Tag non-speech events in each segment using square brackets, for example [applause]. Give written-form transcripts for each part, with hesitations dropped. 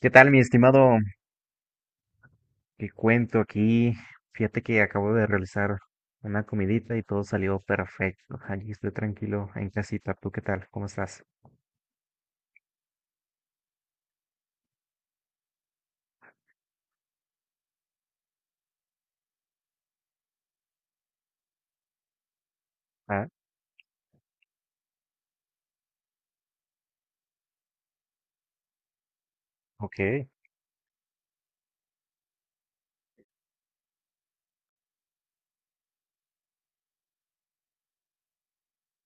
¿Qué tal, mi estimado? ¿Qué cuento aquí? Fíjate que acabo de realizar una comidita y todo salió perfecto. Allí estoy tranquilo en casita. ¿Tú qué tal? ¿Cómo estás? Ah, ok.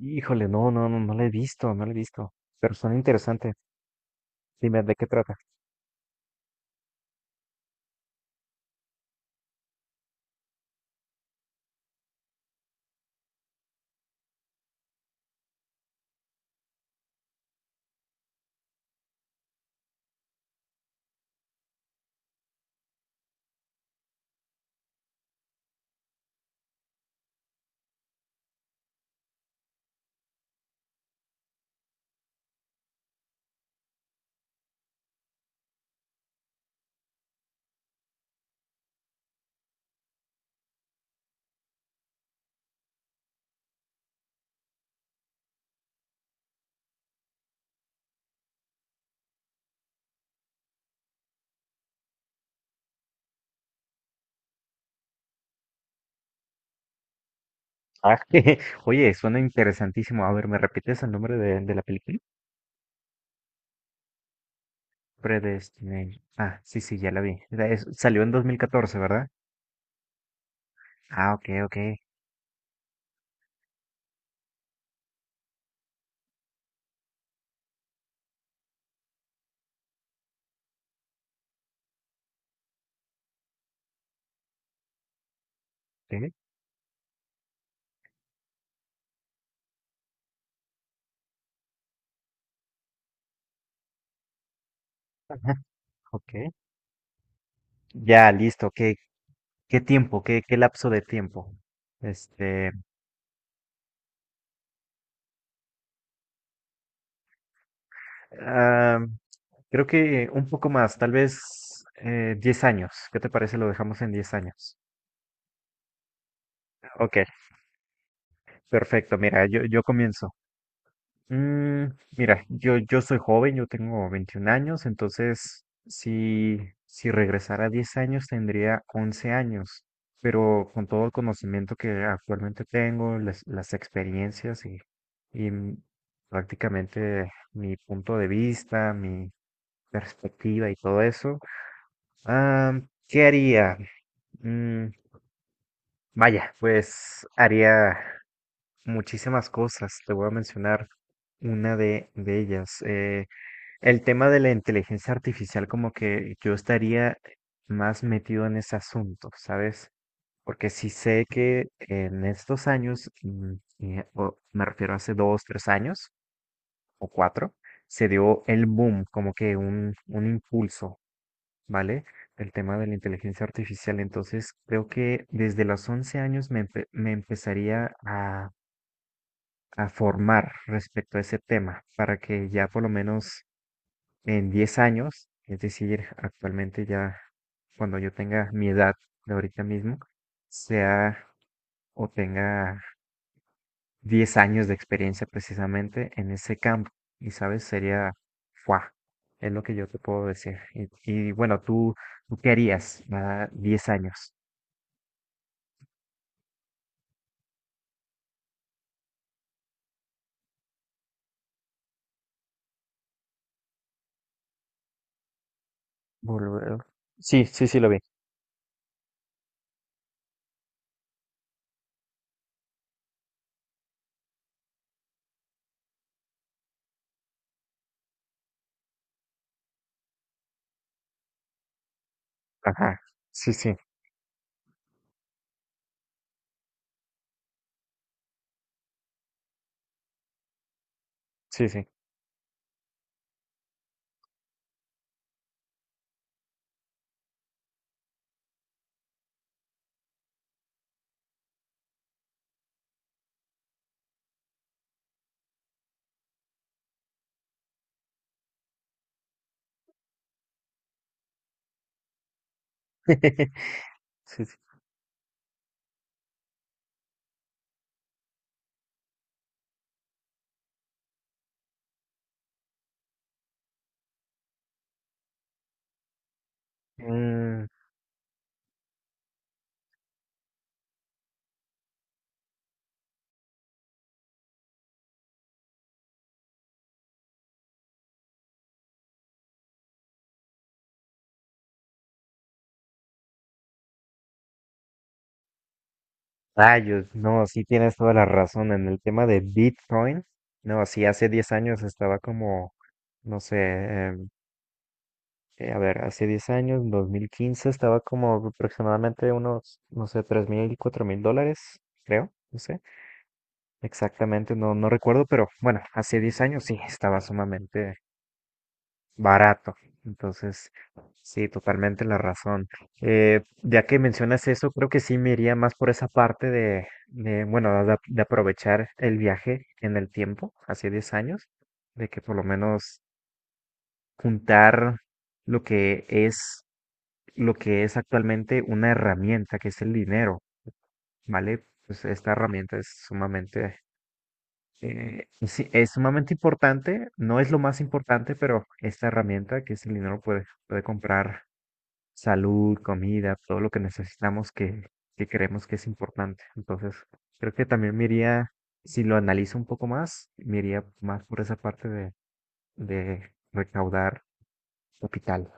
Híjole, no, no, no, no lo he visto, no lo he visto. Pero suena interesante. Dime, ¿de qué trata? Ah, [laughs] Oye, suena interesantísimo. A ver, ¿me repites el nombre de la película? Predestination. Ah, sí, sí, ya la vi. Salió en 2014, ¿verdad? Ah, ok, ok. Sí, ajá, ok. Ya, listo, ok. ¿Qué tiempo? ¿Qué lapso de tiempo? Este, ah, Creo que un poco más, tal vez 10 años. ¿Qué te parece? Lo dejamos en 10 años. Ok, perfecto. Mira, yo comienzo. Mm, Mira, yo soy joven, yo tengo 21 años, entonces si regresara 10 años tendría 11 años, pero con todo el conocimiento que actualmente tengo, las experiencias y prácticamente mi punto de vista, mi perspectiva y todo eso, ah, ¿qué haría? Mm, Vaya, pues haría muchísimas cosas, te voy a mencionar una de ellas. El tema de la inteligencia artificial, como que yo estaría más metido en ese asunto, ¿sabes? Porque sí sé que en estos años, o me refiero a hace dos, tres años o cuatro, se dio el boom, como que un impulso, ¿vale? El tema de la inteligencia artificial. Entonces, creo que desde los 11 años me empezaría a formar respecto a ese tema, para que ya por lo menos en 10 años, es decir, actualmente ya cuando yo tenga mi edad de ahorita mismo, sea o tenga 10 años de experiencia precisamente en ese campo. Y sabes, sería, ¡fua! Es lo que yo te puedo decir. Bueno, tú, ¿tú qué harías a 10 años? Volver. Sí, sí, sí, lo vi. Ajá, sí, sí, sí, sí. [laughs] Sí, sí. Mm, Rayos, no, sí tienes toda la razón en el tema de Bitcoin. No, sí, hace 10 años estaba como, no sé, em, a ver, hace 10 años, 2015, estaba como aproximadamente unos, no sé, 3 mil, 4 mil dólares, creo, no sé, exactamente, no, no recuerdo, pero bueno, hace 10 años sí, estaba sumamente barato. Entonces, sí, totalmente la razón. Ya que mencionas eso, creo que sí me iría más por esa parte bueno, de aprovechar el viaje en el tiempo, hace 10 años, de que por lo menos juntar lo que es, lo que es actualmente una herramienta, que es el dinero, ¿vale? Pues esta herramienta es sumamente sí, es sumamente importante, no es lo más importante, pero esta herramienta que es el dinero puede comprar salud, comida, todo lo que necesitamos que creemos que es importante. Entonces, creo que también me iría, si lo analizo un poco más, me iría más por esa parte de recaudar capital.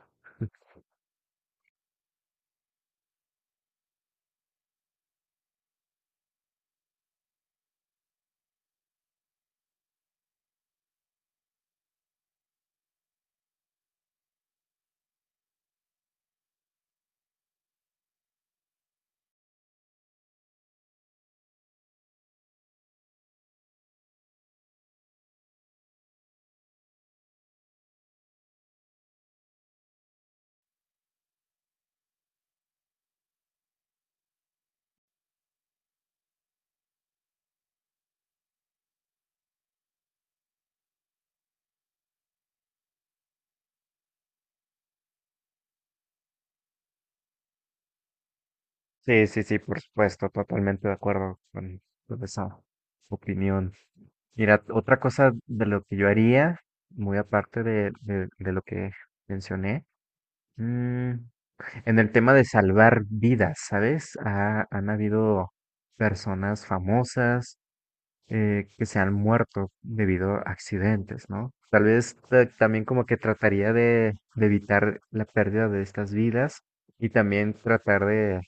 Sí, sí, sí, por supuesto, totalmente de acuerdo con esa opinión. Mira, otra cosa de lo que yo haría, muy aparte de lo que mencioné, mm, en el tema de salvar vidas, ¿sabes? Han habido personas famosas que se han muerto debido a accidentes, ¿no? Tal vez también como que trataría de evitar la pérdida de estas vidas y también tratar de,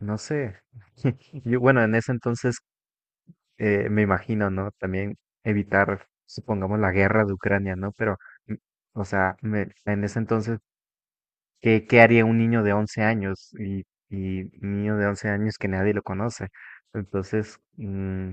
no sé, [laughs] yo, bueno, en ese entonces me imagino, ¿no? También evitar, supongamos, la guerra de Ucrania, ¿no? Mm, o sea, en ese entonces ¿qué haría un niño de 11 años? Y un niño de 11 años que nadie lo conoce. Entonces, mm,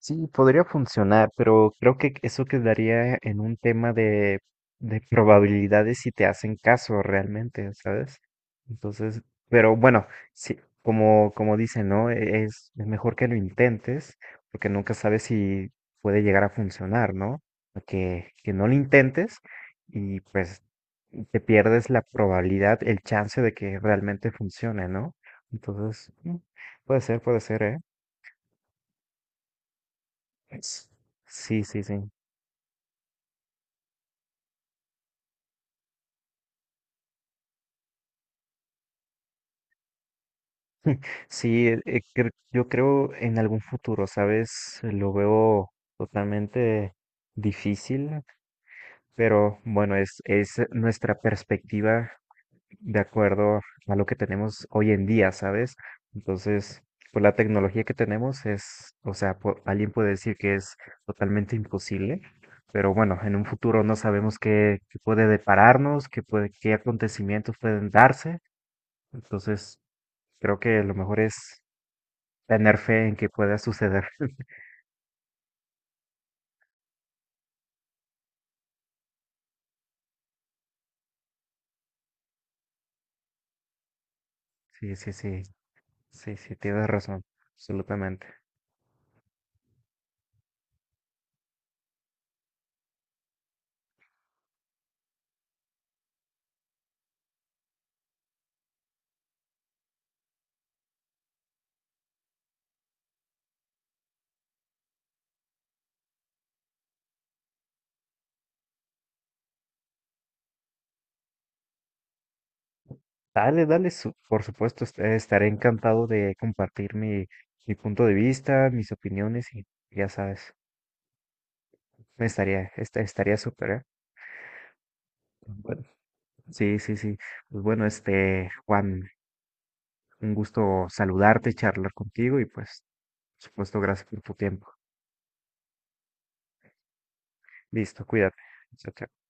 Sí, podría funcionar, pero creo que eso quedaría en un tema de probabilidades si te hacen caso realmente, ¿sabes? Entonces, pero bueno, sí, como, como dicen, ¿no? Es mejor que lo intentes, porque nunca sabes si puede llegar a funcionar, ¿no? Que no lo intentes y pues te pierdes la probabilidad, el chance de que realmente funcione, ¿no? Entonces, mm, Puede ser, puede ser, ¿eh? Sí, sí, sí. Sí, yo creo en algún futuro, ¿sabes? Lo veo totalmente difícil, pero bueno, es nuestra perspectiva de acuerdo a lo que tenemos hoy en día, ¿sabes? Entonces, pues la tecnología que tenemos es, o sea, alguien puede decir que es totalmente imposible, pero bueno, en un futuro no sabemos qué puede depararnos, qué puede, qué acontecimientos pueden darse, entonces creo que lo mejor es tener fe en que pueda suceder. Sí, sí, sí, sí, sí, tienes razón, absolutamente. Dale, dale, por supuesto, estaré encantado de compartir mi, mi punto de vista, mis opiniones y ya sabes, estaría súper, ¿eh? Bueno, sí, sí, sí. Pues bueno, este, Juan, un gusto saludarte, charlar contigo y pues, por supuesto, gracias por tu tiempo. Listo, cuídate. Chao, chao.